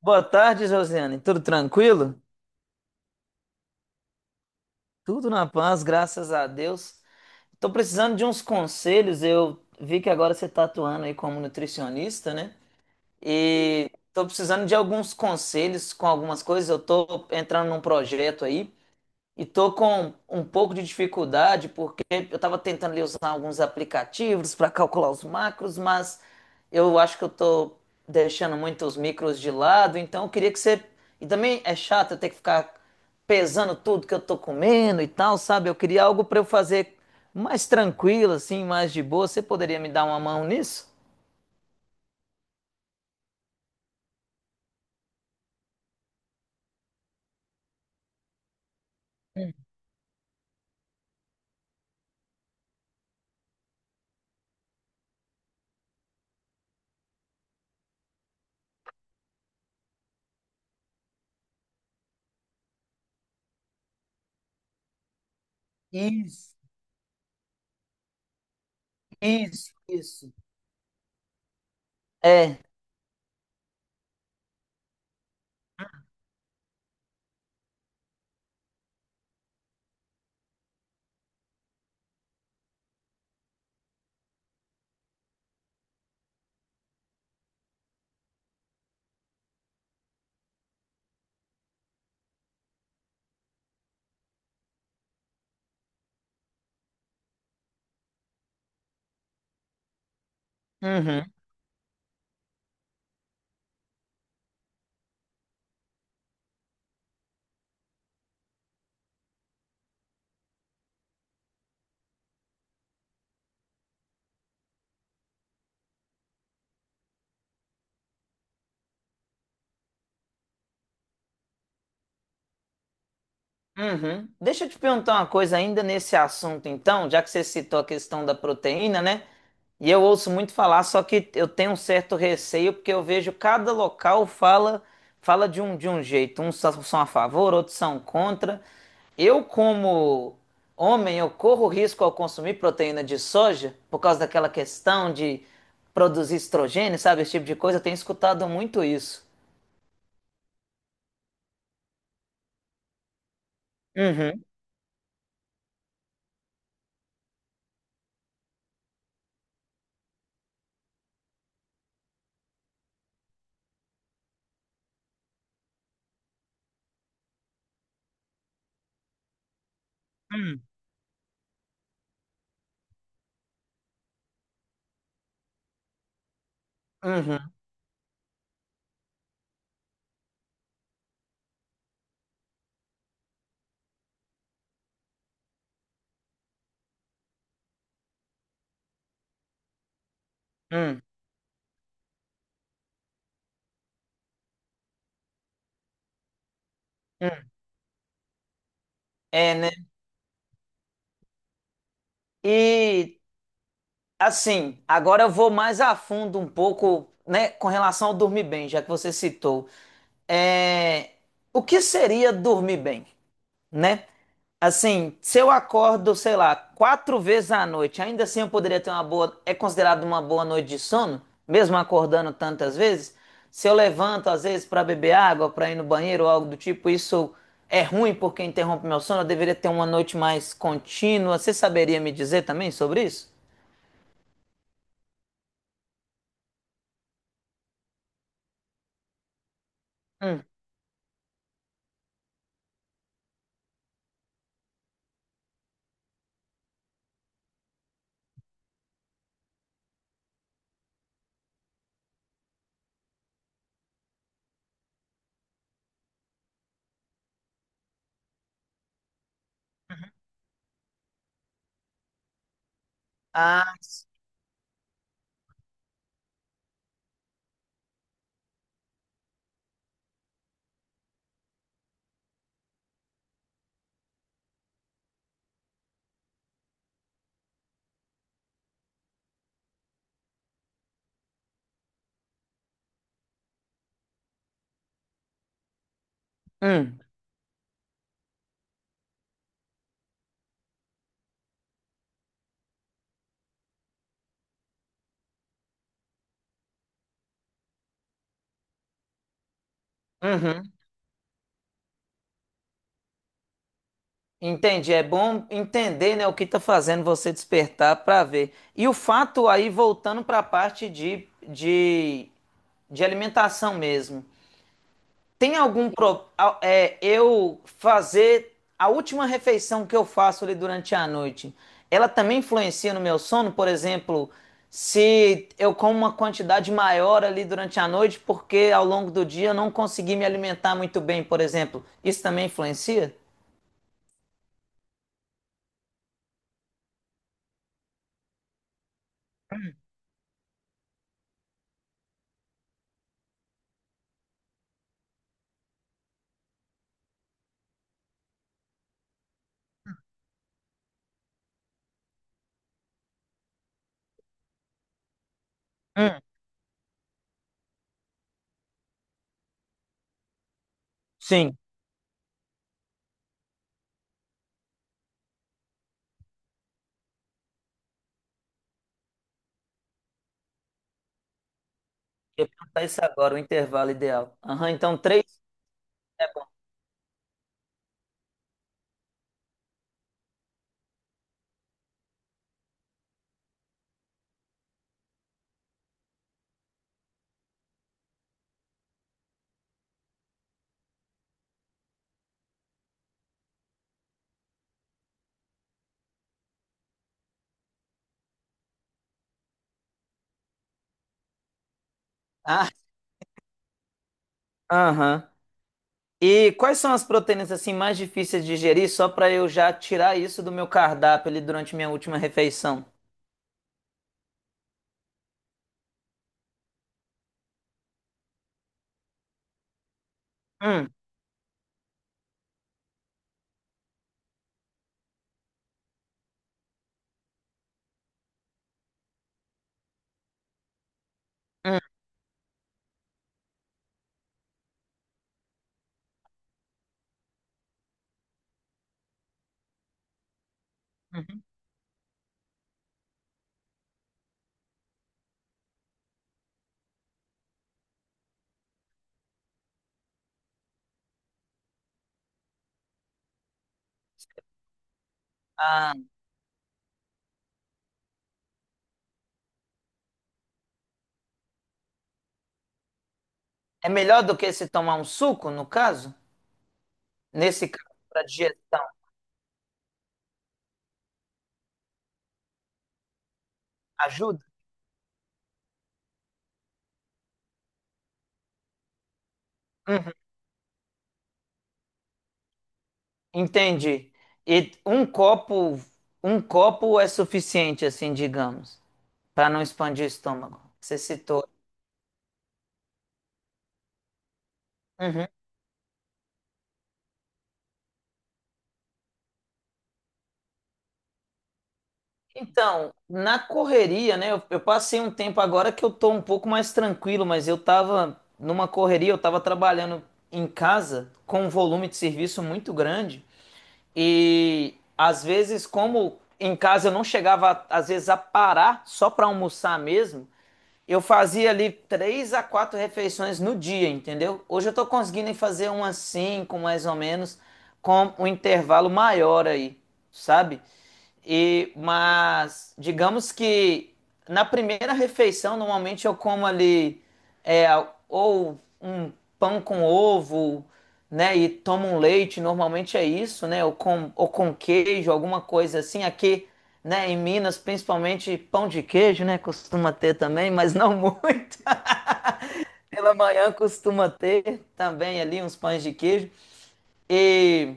Boa tarde, Josiane. Tudo tranquilo? Tudo na paz, graças a Deus. Estou precisando de uns conselhos. Eu vi que agora você está atuando aí como nutricionista, né? E estou precisando de alguns conselhos com algumas coisas. Eu estou entrando num projeto aí e tô com um pouco de dificuldade porque eu estava tentando ali usar alguns aplicativos para calcular os macros, mas eu acho que eu tô deixando muito os micros de lado, então eu queria que você. E também é chato eu ter que ficar pesando tudo que eu tô comendo e tal, sabe? Eu queria algo para eu fazer mais tranquilo, assim, mais de boa. Você poderia me dar uma mão nisso? Isso, isso, isso. É. Uhum. Uhum. Deixa eu te perguntar uma coisa ainda nesse assunto, então, já que você citou a questão da proteína, né? E eu ouço muito falar, só que eu tenho um certo receio, porque eu vejo cada local fala de um jeito. Uns só- são a favor, outros são contra. Eu, como homem, eu corro risco ao consumir proteína de soja por causa daquela questão de produzir estrogênio, sabe? Esse tipo de coisa. Eu tenho escutado muito isso. Uhum. Uhum. Uhum. Uhum. É, né? E assim, agora eu vou mais a fundo um pouco, né, com relação ao dormir bem, já que você citou. É, o que seria dormir bem, né? Assim, se eu acordo, sei lá, quatro vezes à noite, ainda assim eu poderia ter uma boa, é considerado uma boa noite de sono, mesmo acordando tantas vezes? Se eu levanto às vezes para beber água, para ir no banheiro ou algo do tipo, isso é ruim porque interrompe meu sono, eu deveria ter uma noite mais contínua. Você saberia me dizer também sobre isso? Hum. Ah, hum, uhum. Entendi. É bom entender, né, o que está fazendo você despertar para ver. E o fato aí, voltando para a parte de alimentação mesmo. Tem algum pro, a- é, eu fazer a última refeição que eu faço ali durante a noite, ela também influencia no meu sono? Por exemplo, se eu como uma quantidade maior ali durante a noite, porque ao longo do dia eu não consegui me alimentar muito bem, por exemplo, isso também influencia? Sim. Eu ia perguntar isso agora, o intervalo ideal. Aham, então três é bom. Ah, aham. E quais são as proteínas assim mais difíceis de digerir, só para eu já tirar isso do meu cardápio ali durante minha última refeição? Hum, hum, uhum. Ah, é melhor do que se tomar um suco, no caso? Nesse caso, para digestão, ajuda? Uhum. Entendi. E um copo é suficiente, assim, digamos, para não expandir o estômago. Você citou. Uhum. Então, na correria, né? Eu passei um tempo agora que eu tô um pouco mais tranquilo, mas eu tava numa correria, eu tava trabalhando em casa com um volume de serviço muito grande e às vezes, como em casa eu não chegava às vezes a parar só para almoçar mesmo, eu fazia ali três a quatro refeições no dia, entendeu? Hoje eu tô conseguindo fazer umas cinco, mais ou menos, com um intervalo maior aí, sabe? E, mas digamos que na primeira refeição, normalmente eu como ali é, ou um pão com ovo, né? E tomo um leite, normalmente é isso, né? Ou com queijo, alguma coisa assim. Aqui né? Em Minas, principalmente pão de queijo, né? Costuma ter também, mas não muito. Pela manhã costuma ter também ali uns pães de queijo. E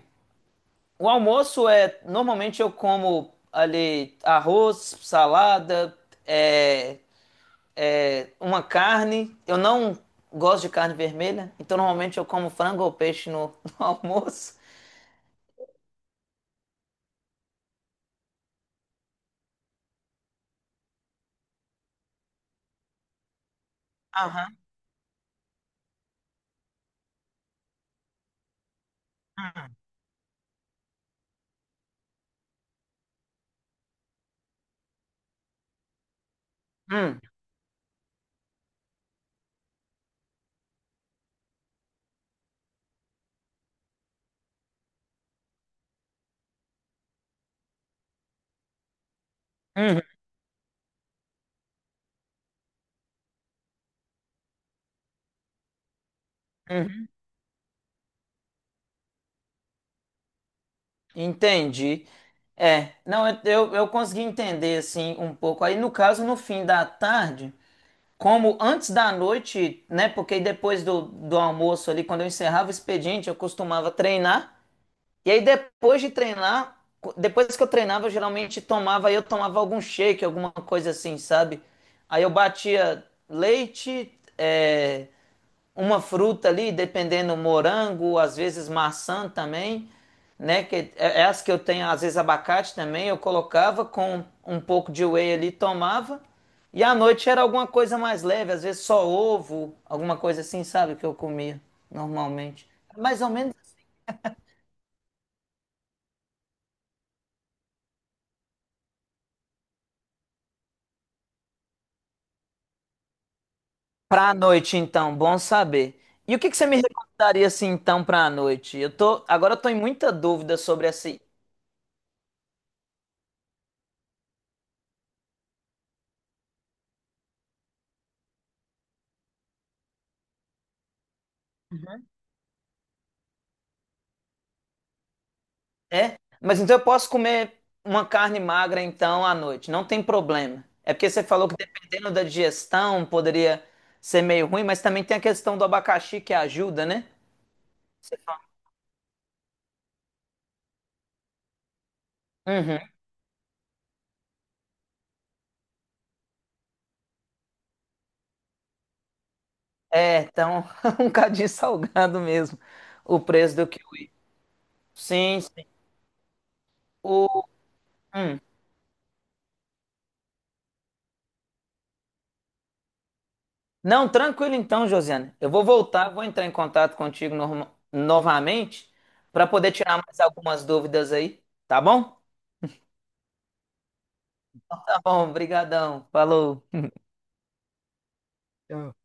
o almoço é, normalmente eu como ali arroz, salada, é, é, uma carne. Eu não gosto de carne vermelha, então normalmente eu como frango ou peixe no, no almoço. Aham. Hum, uhum, uhum. Entendi. É, não, eu consegui entender assim um pouco. Aí, no caso, no fim da tarde, como antes da noite, né? Porque aí depois do almoço ali, quando eu encerrava o expediente, eu costumava treinar. E aí, depois de treinar, depois que eu treinava, eu geralmente tomava, aí eu tomava algum shake, alguma coisa assim, sabe? Aí eu batia leite, é, uma fruta ali, dependendo, morango, às vezes maçã também, né? Que é as que eu tenho, às vezes abacate também, eu colocava com um pouco de whey ali, tomava. E à noite era alguma coisa mais leve, às vezes só ovo, alguma coisa assim, sabe, que eu comia normalmente. É mais ou menos para a noite, então, bom saber. E o que que você me recomendaria assim então para a noite? Eu tô, em muita dúvida sobre essa. É? Mas então eu posso comer uma carne magra então à noite, não tem problema. É porque você falou que dependendo da digestão poderia ser meio ruim, mas também tem a questão do abacaxi que ajuda, né? Você fala, uhum. É, então um cadinho salgado mesmo o preço do kiwi. Sim, sim. O... hum. Não, tranquilo então, Josiane. Eu vou voltar, vou entrar em contato contigo novamente para poder tirar mais algumas dúvidas aí, tá bom? Tá bom, brigadão. Falou. Tchau.